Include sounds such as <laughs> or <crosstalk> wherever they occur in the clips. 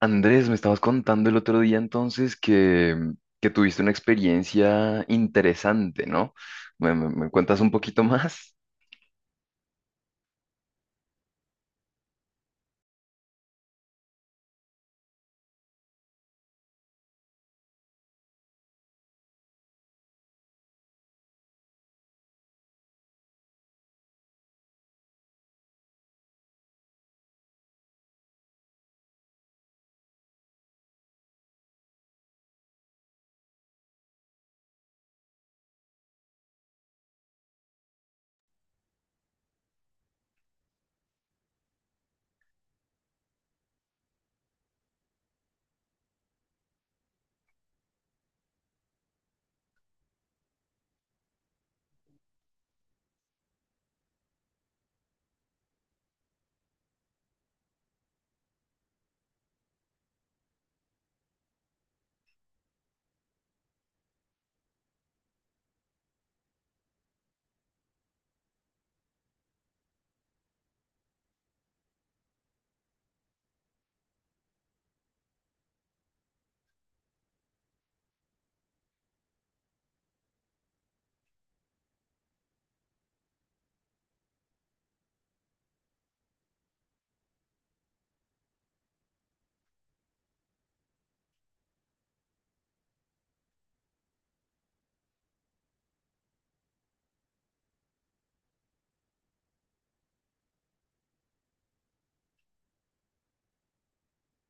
Andrés, me estabas contando el otro día entonces que, que tuviste una experiencia interesante, ¿no? ¿Me cuentas un poquito más?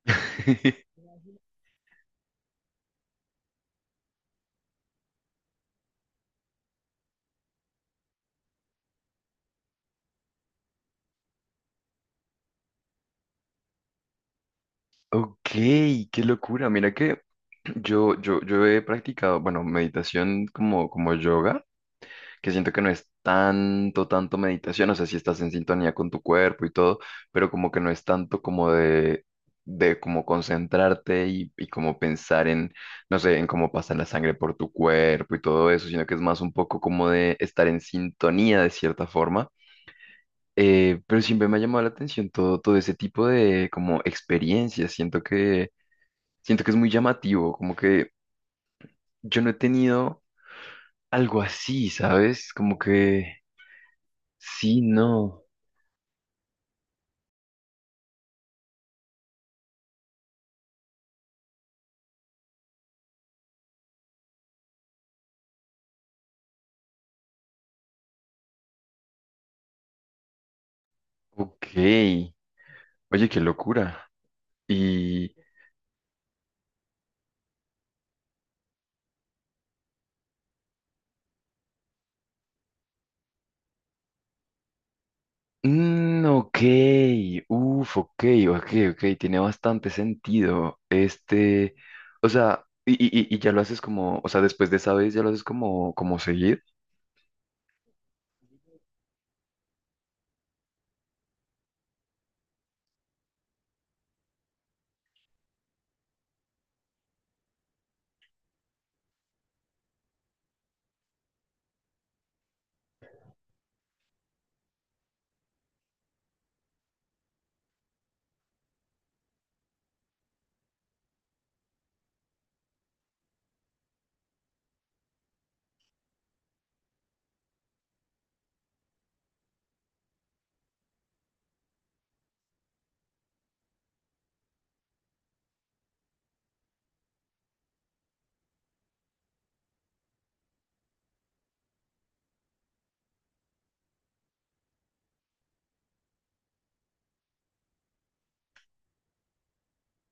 <laughs> Ok, qué locura. Mira que yo he practicado, bueno, meditación como, como yoga. Que siento que no es tanto, tanto meditación, o sea, si estás en sintonía con tu cuerpo y todo, pero como que no es tanto como de como concentrarte y como pensar no sé, en cómo pasa la sangre por tu cuerpo y todo eso, sino que es más un poco como de estar en sintonía de cierta forma. Pero siempre me ha llamado la atención todo, todo ese tipo de como experiencias, siento que es muy llamativo, como que yo no he tenido algo así, ¿sabes? Como que sí, no. Ok, oye, qué locura. Y, ok, uff, ok, ok, ok, tiene bastante sentido. Este, o sea, y ya lo haces como, o sea, después de esa vez ya lo haces como, como seguir.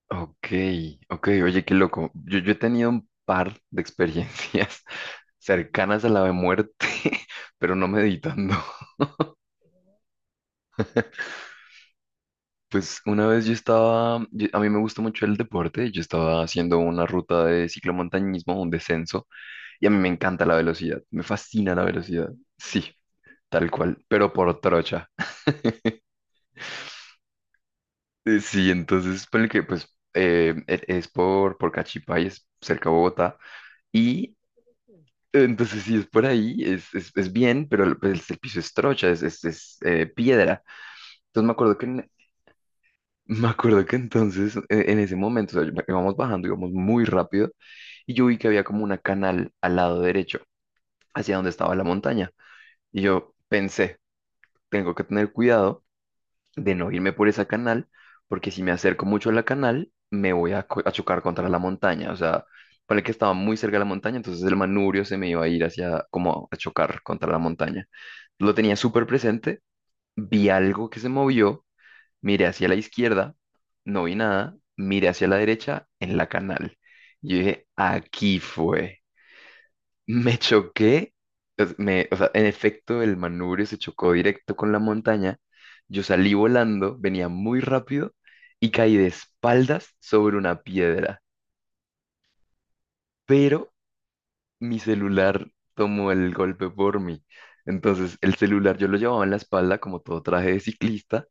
Ok, ok, oye, qué loco. Yo he tenido un par de experiencias <laughs> cercanas a la de muerte, <laughs> pero no meditando. Pues una vez yo estaba, a mí me gusta mucho el deporte, yo estaba haciendo una ruta de ciclomontañismo, un descenso. Y a mí me encanta la velocidad, me fascina la velocidad. Sí, tal cual, pero por trocha. Sí, entonces, ponle que, pues, es por Cachipay, es cerca de Bogotá. Y entonces, si es por ahí, es bien, pero el, pues, el piso es trocha, piedra. Entonces, me acuerdo que, en- <laughs> me acuerdo que entonces, en ese momento, o sea, íbamos bajando, íbamos muy rápido, y yo vi que había como una canal al lado derecho, hacia donde estaba la montaña. Y yo pensé, tengo que tener cuidado de no irme por esa canal, porque si me acerco mucho a la canal, me voy a, co- a chocar contra la montaña. O sea, para el que estaba muy cerca de la montaña, entonces el manubrio se me iba a ir hacia, como a chocar contra la montaña. Lo tenía súper presente, vi algo que se movió, miré hacia la izquierda, no vi nada, miré hacia la derecha en la canal. Yo dije, aquí fue. Me choqué, o sea, en efecto el manubrio se chocó directo con la montaña, yo salí volando, venía muy rápido y caí de espaldas sobre una piedra, pero mi celular tomó el golpe por mí. Entonces el celular yo lo llevaba en la espalda como todo traje de ciclista,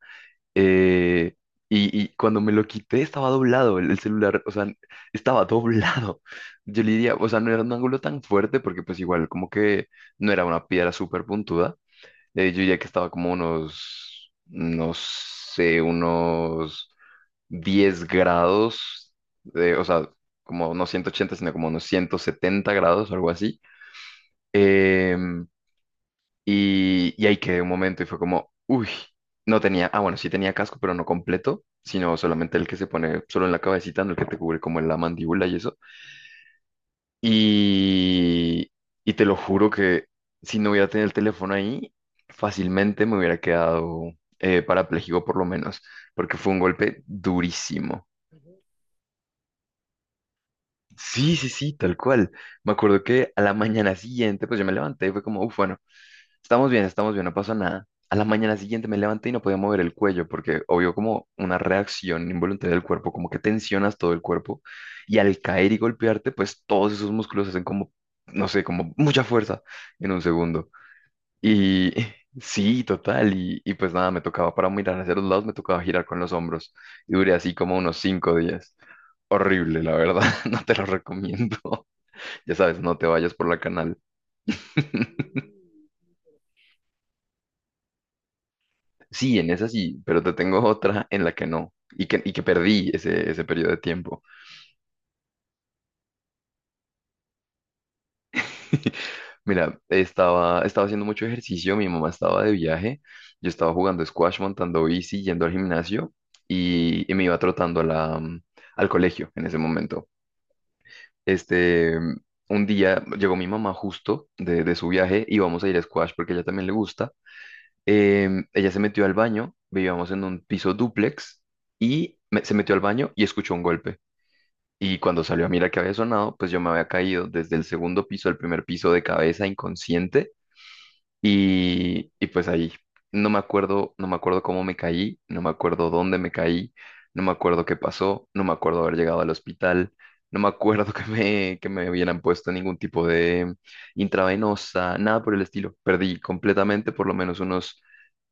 eh, y cuando me lo quité estaba doblado el celular, o sea, estaba doblado. Yo le diría, o sea, no era un ángulo tan fuerte porque pues igual como que no era una piedra súper puntuda. Yo diría que estaba como unos, no sé, unos 10 grados, o sea, como no 180 sino como unos 170 grados, algo así. Em, y, y ahí quedé un momento y fue como, uy, no tenía, ah, bueno, sí tenía casco, pero no completo, sino solamente el que se pone solo en la cabecita, no el que te cubre como en la mandíbula y eso. Y, y te lo juro que si no hubiera tenido el teléfono ahí, fácilmente me hubiera quedado parapléjico por lo menos, porque fue un golpe durísimo. Sí, sí, sí, tal cual. Me acuerdo que a la mañana siguiente, pues yo me levanté y fue como, uff, bueno. Estamos bien, no pasó nada. A la mañana siguiente me levanté y no podía mover el cuello porque obvio como una reacción involuntaria del cuerpo, como que tensionas todo el cuerpo y al caer y golpearte, pues todos esos músculos hacen como, no sé, como mucha fuerza en un segundo. Y <laughs> sí, total, y pues nada, me tocaba para mirar hacia los lados, me tocaba girar con los hombros y duré así como unos 5 días. Horrible, la verdad, <laughs> no te lo recomiendo. <laughs> Ya sabes, no te vayas por la canal. <laughs> Sí, en esa sí, pero te tengo <laughs> otra en la que no, y que perdí ese, ese periodo de tiempo. <laughs> Mira, estaba, estaba haciendo mucho ejercicio, mi mamá estaba de viaje, yo estaba jugando squash, montando bici, yendo al gimnasio y me iba trotando a la, al colegio en ese momento. Este, un día llegó mi mamá justo de su viaje y vamos a ir a squash porque a ella también le gusta. Ella se metió al baño, vivíamos en un piso dúplex y se metió al baño y escuchó un golpe. Y cuando salió a mirar que había sonado, pues yo me había caído desde el segundo piso al primer piso de cabeza inconsciente y pues ahí no me acuerdo, no me acuerdo cómo me caí, no me acuerdo dónde me caí, no me acuerdo qué pasó, no me acuerdo haber llegado al hospital, no me acuerdo <laughs> que me hubieran puesto ningún tipo de intravenosa, nada por el estilo. Perdí completamente por lo menos unos,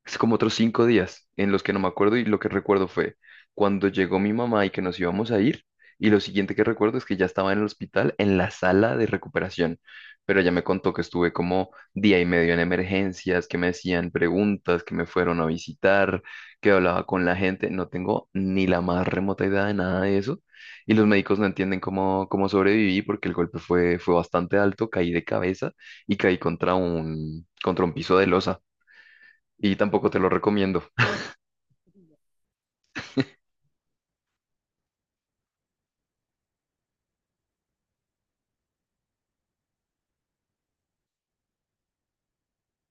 es como otros 5 días en los que no me acuerdo y lo que recuerdo fue cuando llegó mi mamá y que nos íbamos a ir y lo siguiente que recuerdo es que ya estaba en el hospital en la sala de recuperación, pero ella me contó que estuve como día y medio en emergencias, que me hacían preguntas, que me fueron a visitar, que hablaba con la gente, no tengo ni la más remota idea de nada de eso y los médicos no entienden cómo, cómo sobreviví porque el golpe fue, fue bastante alto, caí de cabeza y caí contra un piso de losa. Y tampoco te lo recomiendo.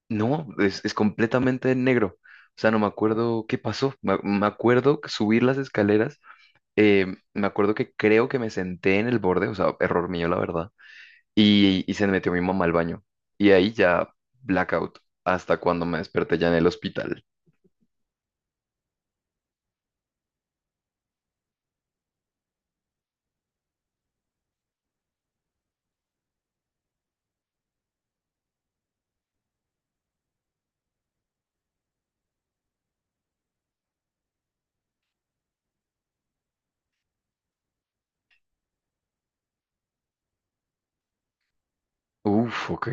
No, es completamente negro. O sea, no me acuerdo qué pasó. Me acuerdo que subir las escaleras. eh, Me acuerdo que creo que me senté en el borde, o sea, error mío, la verdad. Y se metió mi mamá al baño. Y ahí ya blackout. Hasta cuando me desperté ya en el hospital. Uf, ok.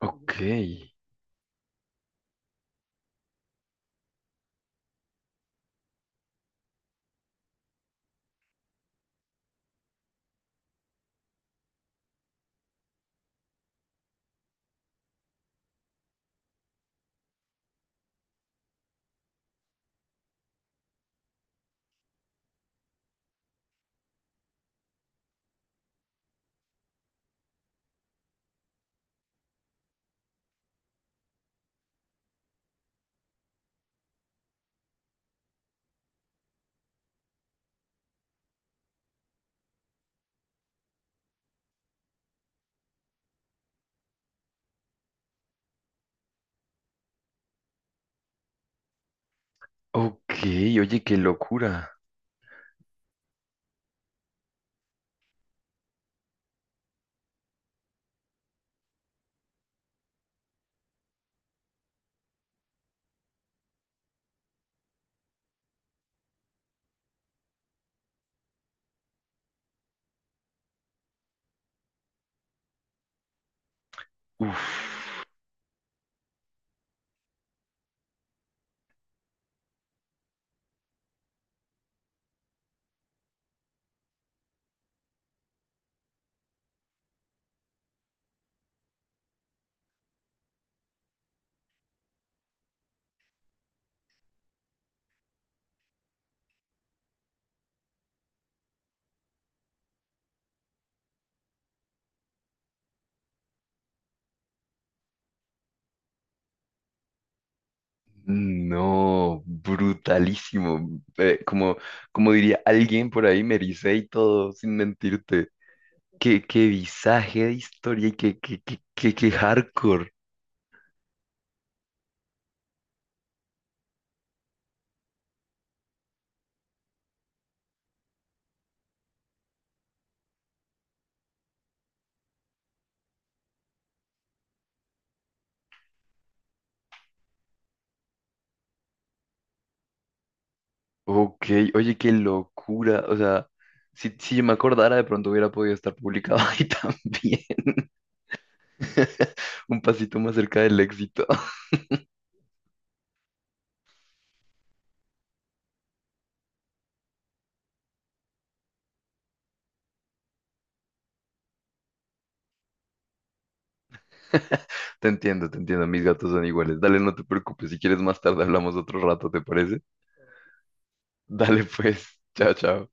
Ok. Ok. Oye, qué locura. Uf. No, brutalísimo. Como, como diría alguien por ahí, me ericé y todo, sin mentirte. Qué, qué visaje de historia y qué hardcore. Ok, oye, qué locura. O sea, si, si yo me acordara, de pronto hubiera podido estar publicado <laughs> ahí también. <laughs> Un pasito más cerca del éxito. <laughs> Te entiendo, te entiendo. Mis gatos son iguales. Dale, no te preocupes. Si quieres más tarde hablamos otro rato, ¿te parece? Dale, pues. Chao, chao.